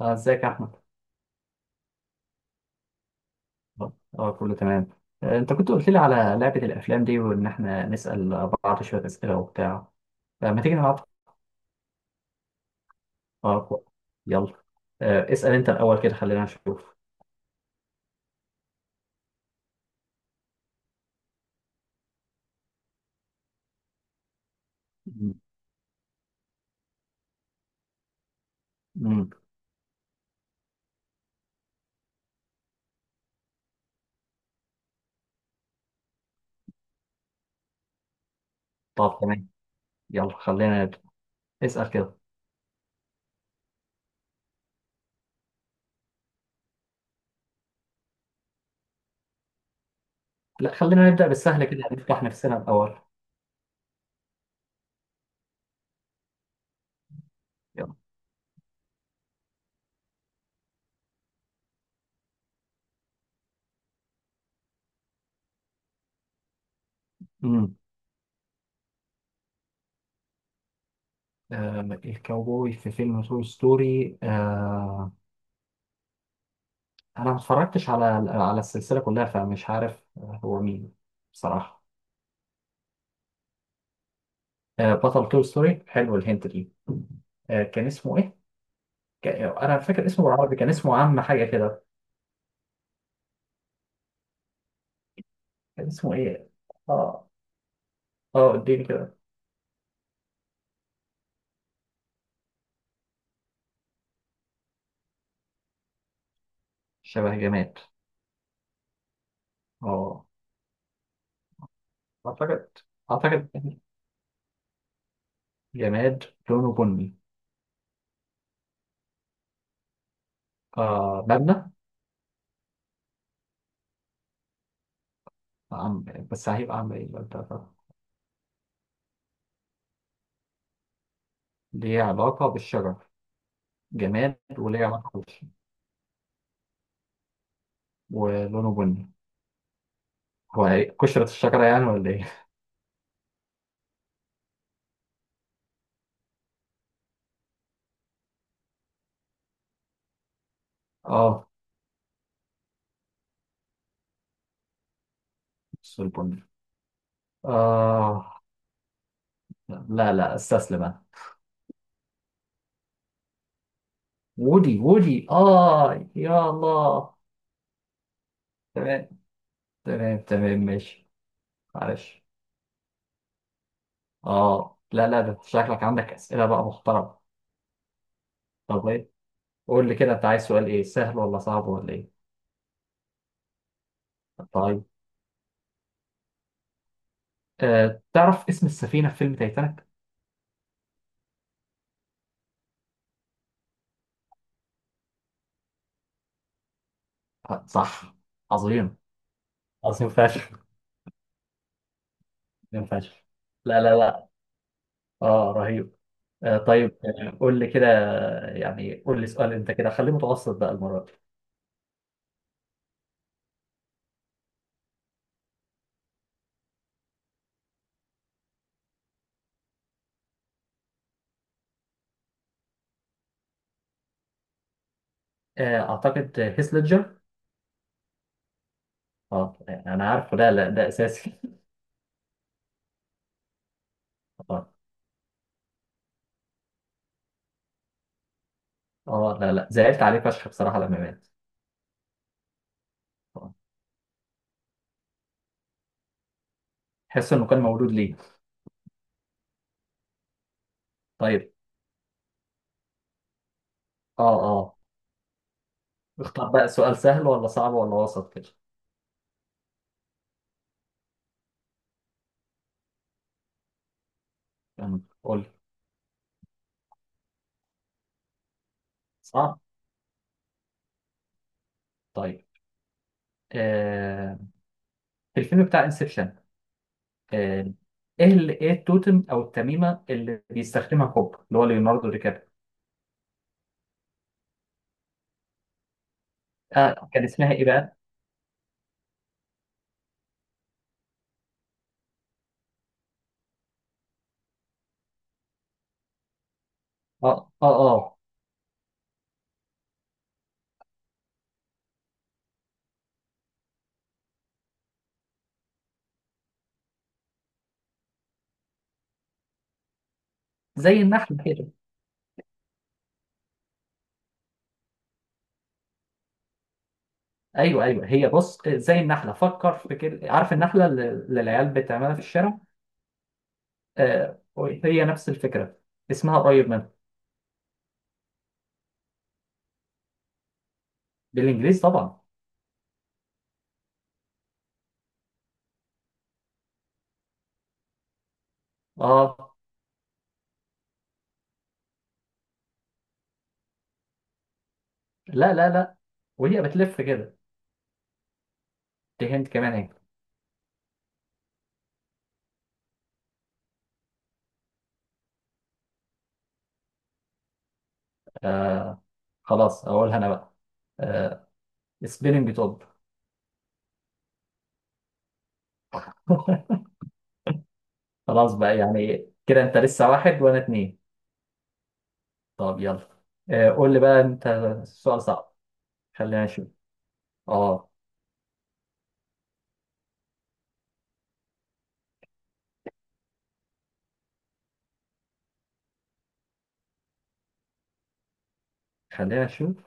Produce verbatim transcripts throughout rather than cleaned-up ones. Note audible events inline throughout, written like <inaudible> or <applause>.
اه ازيك يا احمد. اه. آه، كله تمام. آه، انت كنت قلت لي على لعبة الافلام دي وان احنا نسأل بعض شوية اسئلة وبتاع. فما تيجي نلعب؟ آه، كو- يلا. آه، اسأل انت الاول كده خلينا نشوف. مم. مم. طب تمام. يلا خلينا نبدأ. اسأل كده. لا خلينا نبدأ بالسهل كده نفتح نفسنا الاول. يلا. امم آه الكاوبوي في فيلم توي ستوري. آه انا ما اتفرجتش على على السلسلة كلها فمش عارف آه، هو مين. بصراحة. آه، بطل توي ستوري حلو الهنت دي. آه، كان اسمه ايه؟ كان... انا فاكر اسمه بالعربي كان اسمه عم حاجه كده. كان اسمه ايه؟ اه. اه اديني كده. شبه جماد. اه. اعتقد. اعتقد جماد لونه بني. آه مبنى. عم... بس هيبقى عم ايه بقى ده؟ ليه علاقه بالشجر. جماد وليه علاقه بالشجر. ولونه بني. هو هي- قشرة الشجرة يعني ولا ايه؟ اه بص البني. اه. لا لا استسلم انا. وودي. وودي اه يا الله. تمام. تمام تمام ماشي. معلش. اه. لا لا ده شكلك عندك اسئله بقى محترمه. طب ايه. قول لي كده انت عايز سؤال ايه سهل ولا صعب ولا ايه. طيب. آه تعرف اسم السفينه في فيلم تايتانيك؟ آه صح. عظيم. عظيم فشخ. عظيم فشخ. لا لا لا. اه رهيب. آه طيب آه، قول لي كده، آه، يعني قول لي سؤال انت كده خليه متوسط بقى المره دي. آه اعتقد هيث ليدجر. اه يعني انا عارفه لا لا ده اساسي. <laughs> اه لا لا زعلت عليه فشخ بصراحة لما مات. آه. تحس انه كان مولود ليه. طيب. اه اه. اختار بقى سؤال سهل ولا صعب ولا وسط كده. يعني قول لي. صعب. طيب. آه. في الفيلم بتاع انسبشن. آه. ايه ال- ايه التوتم او التميمة اللي بيستخدمها كوب اللي هو ليوناردو دي كابريو. آه. كان اسمها ايه بقى. اه اه اه زي النحلة كده. ايوه ايوه هي بص، آه، زي النحلة فكر في كده، عارف النحلة اللي اللي العيال بتعملها في الشارع. آه. هي نفس الفكرة. اسمها قريب. بالانجليزي طبعا. اه لا لا لا. وهي بتلف كده. دي هند كمان اهي. آه. خلاص اقولها انا بقى. آه. سبيلنج توب. <laughs> خلاص بقى يعني كده انت لسه واحد وانا اتنين. طب يلا. آه قول لي بقى انت. سؤال صعب. خلينا نشوف. اه. خلينا نشوف.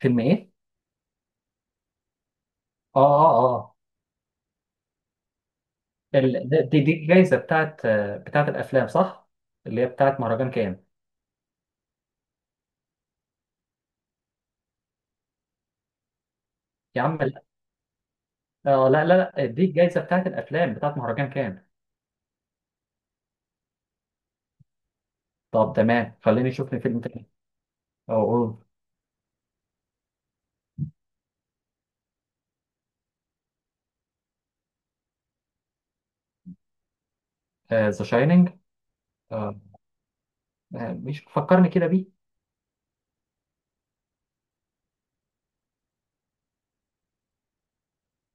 فيلم ايه. اه اه اه. ال... ده- دي دي الجايزه بتاعت، آه، بتاعت الافلام صح؟ اللي هي بتاعت مهرجان كام. يا عم لا. آه لا لا لا، دي الجايزه بتاعت الافلام بتاعت مهرجان كام. طب تمام خليني اشوف لي فيلم تاني. او اقول. ذا شايننج. مش فكرني كده بيه.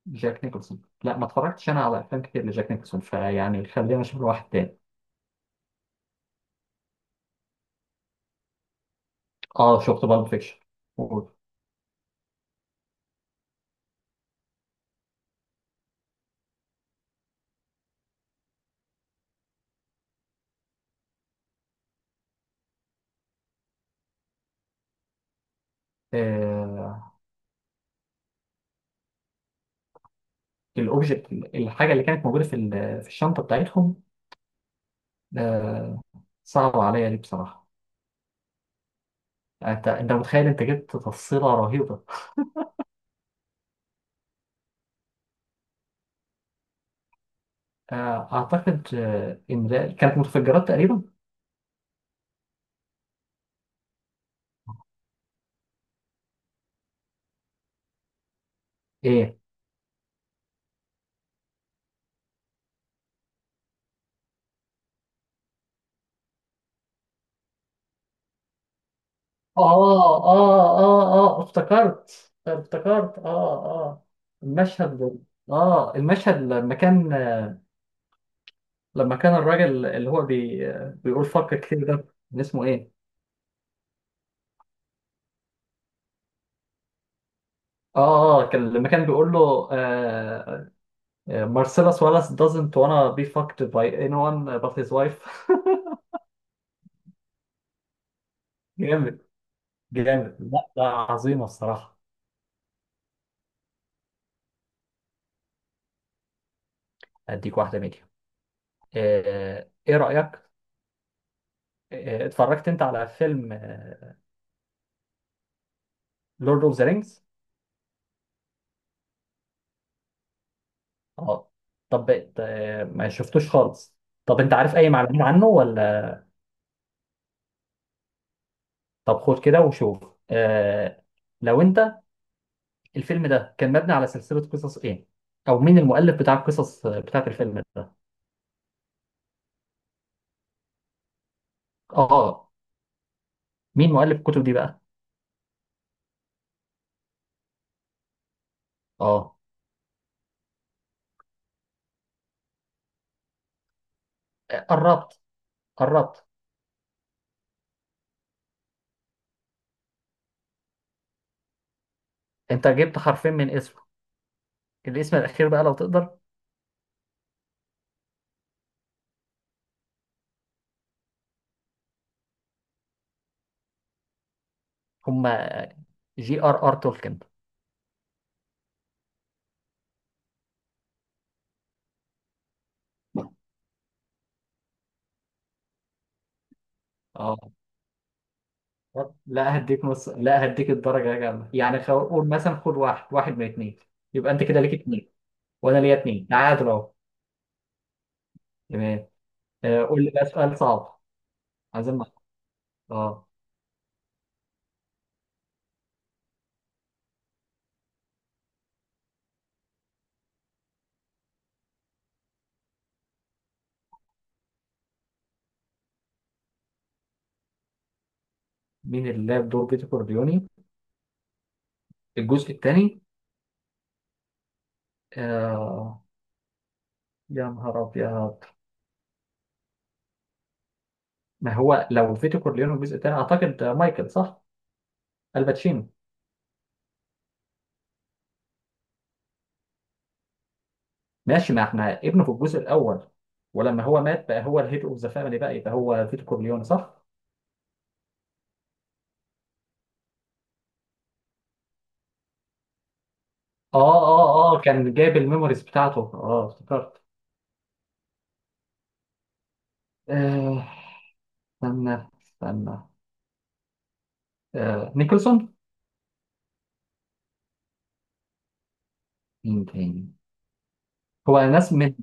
جاك نيكلسون لا ما اتفرجتش انا على افلام كتير لجاك نيكلسون فيعني خلينا اشوف له واحد تاني. اه شفت بالب فيكشن. آه الاوبجكت الحاجه اللي كانت موجوده في ال- في الشنطه بتاعتهم. آه. صعبه عليا دي بصراحه. انت انت متخيل انت جبت تفصيله رهيبه. آه اعتقد آه ان ده كانت متفجرات تقريبا. ايه. اه اه اه اه، آه، افتكرت افتكرت اه اه المشهد. اه المشهد لما كان لما كان الراجل اللي هو بي بيقول فكر كتير ده كان اسمه ايه؟ اه اه، آه، كان لما كان بيقول له آه، مارسيلوس ولاس doesn't wanna be fucked by anyone but his wife. <laughs> جامد. جامد لا لا عظيمة الصراحة. اديك واحدة ميديا. آه ايه رأيك؟ آه اتفرجت انت على فيلم لورد اوف ذا رينجز؟ اه طب بقت، آه، ما شفتوش خالص. طب انت عارف اي معلومات عنه ولا. طب خد كده وشوف. آه. لو انت الفيلم ده كان مبني على سلسلة قصص ايه، او مين المؤلف بتاع القصص بتاعت الفيلم ده. اه مين مؤلف الكتب دي بقى. اه آه، قربت. قربت. انت جبت حرفين من اسمه. الاسم الاخير بقى لو تقدر. هما جي ار ار تولكن. اه. طب لا هديك نص، لا هديك الدرجة كاملة يعني خو... قول مثلا خد واحد واحد من اتنين. يبقى انت كده ليك اتنين. وانا ليا اتنين تعادل اهو. تمام. آه، قول لي بقى سؤال صعب. عايزين نح- اه. مين اللي لعب دور بيتو كورليوني الجزء الثاني؟ آه... يا نهار ابيض. ما هو لو فيتو كورليوني الجزء الثاني اعتقد آه، مايكل صح. الباتشينو. ماشي ما احنا ابنه في الجزء الاول. ولما هو مات بقى هو الهيد اوف ذا فاميلي بقى يبقى هو فيتو كورليوني صح؟ اه اه اه كان جايب الميموريز بتاعته اه افتكرت. آه، استنى استنى، آه، نيكلسون. مين تاني. هو ناس من،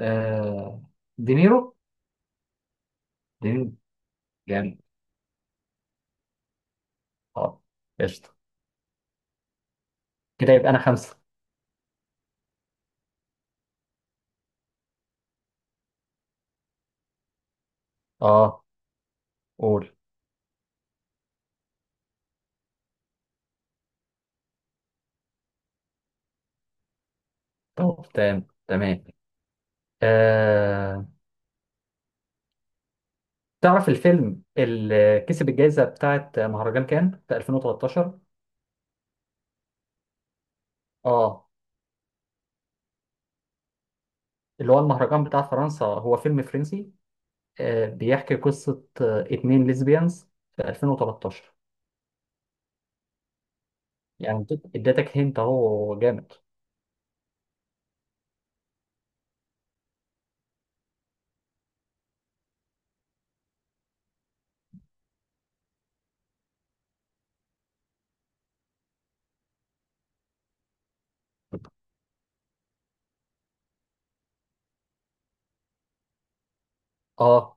آه، دينيرو. دينيرو جامد. اه قشطة. كده يبقى انا خمسة. اه قول. طب تمام تمام. آه، تعرف الفيلم اللي كسب الجائزة بتاعت مهرجان كان في ألفين وتلتاشر؟ اه. اللي هو المهرجان بتاع فرنسا، هو فيلم فرنسي، آه، بيحكي قصة آه، اتنين ليزبيانز في ألفين وثلاثة عشر يعني. اديتك هنت اهو جامد. اه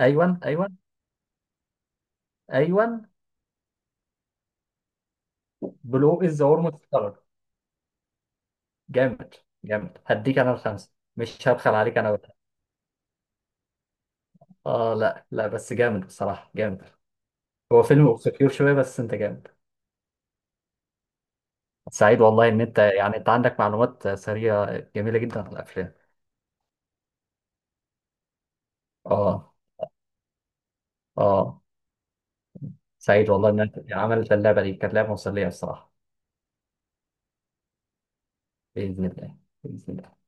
ايوه ايوه. ايوه. بلو از ذا ورم كولر. جامد. جامد هديك انا الخمسه مش هبخل عليك انا بقى. اه لا لا بس جامد بصراحه. جامد. هو فيلم اوبسكيور شويه بس انت جامد. سعيد والله ان انت يعني انت عندك معلومات سريعه جميله جدا عن الافلام. اه اه. سعيد والله ان انت عملت اللعبه دي. كانت لعبه مسليه بصراحه. باذن الله. باذن الله.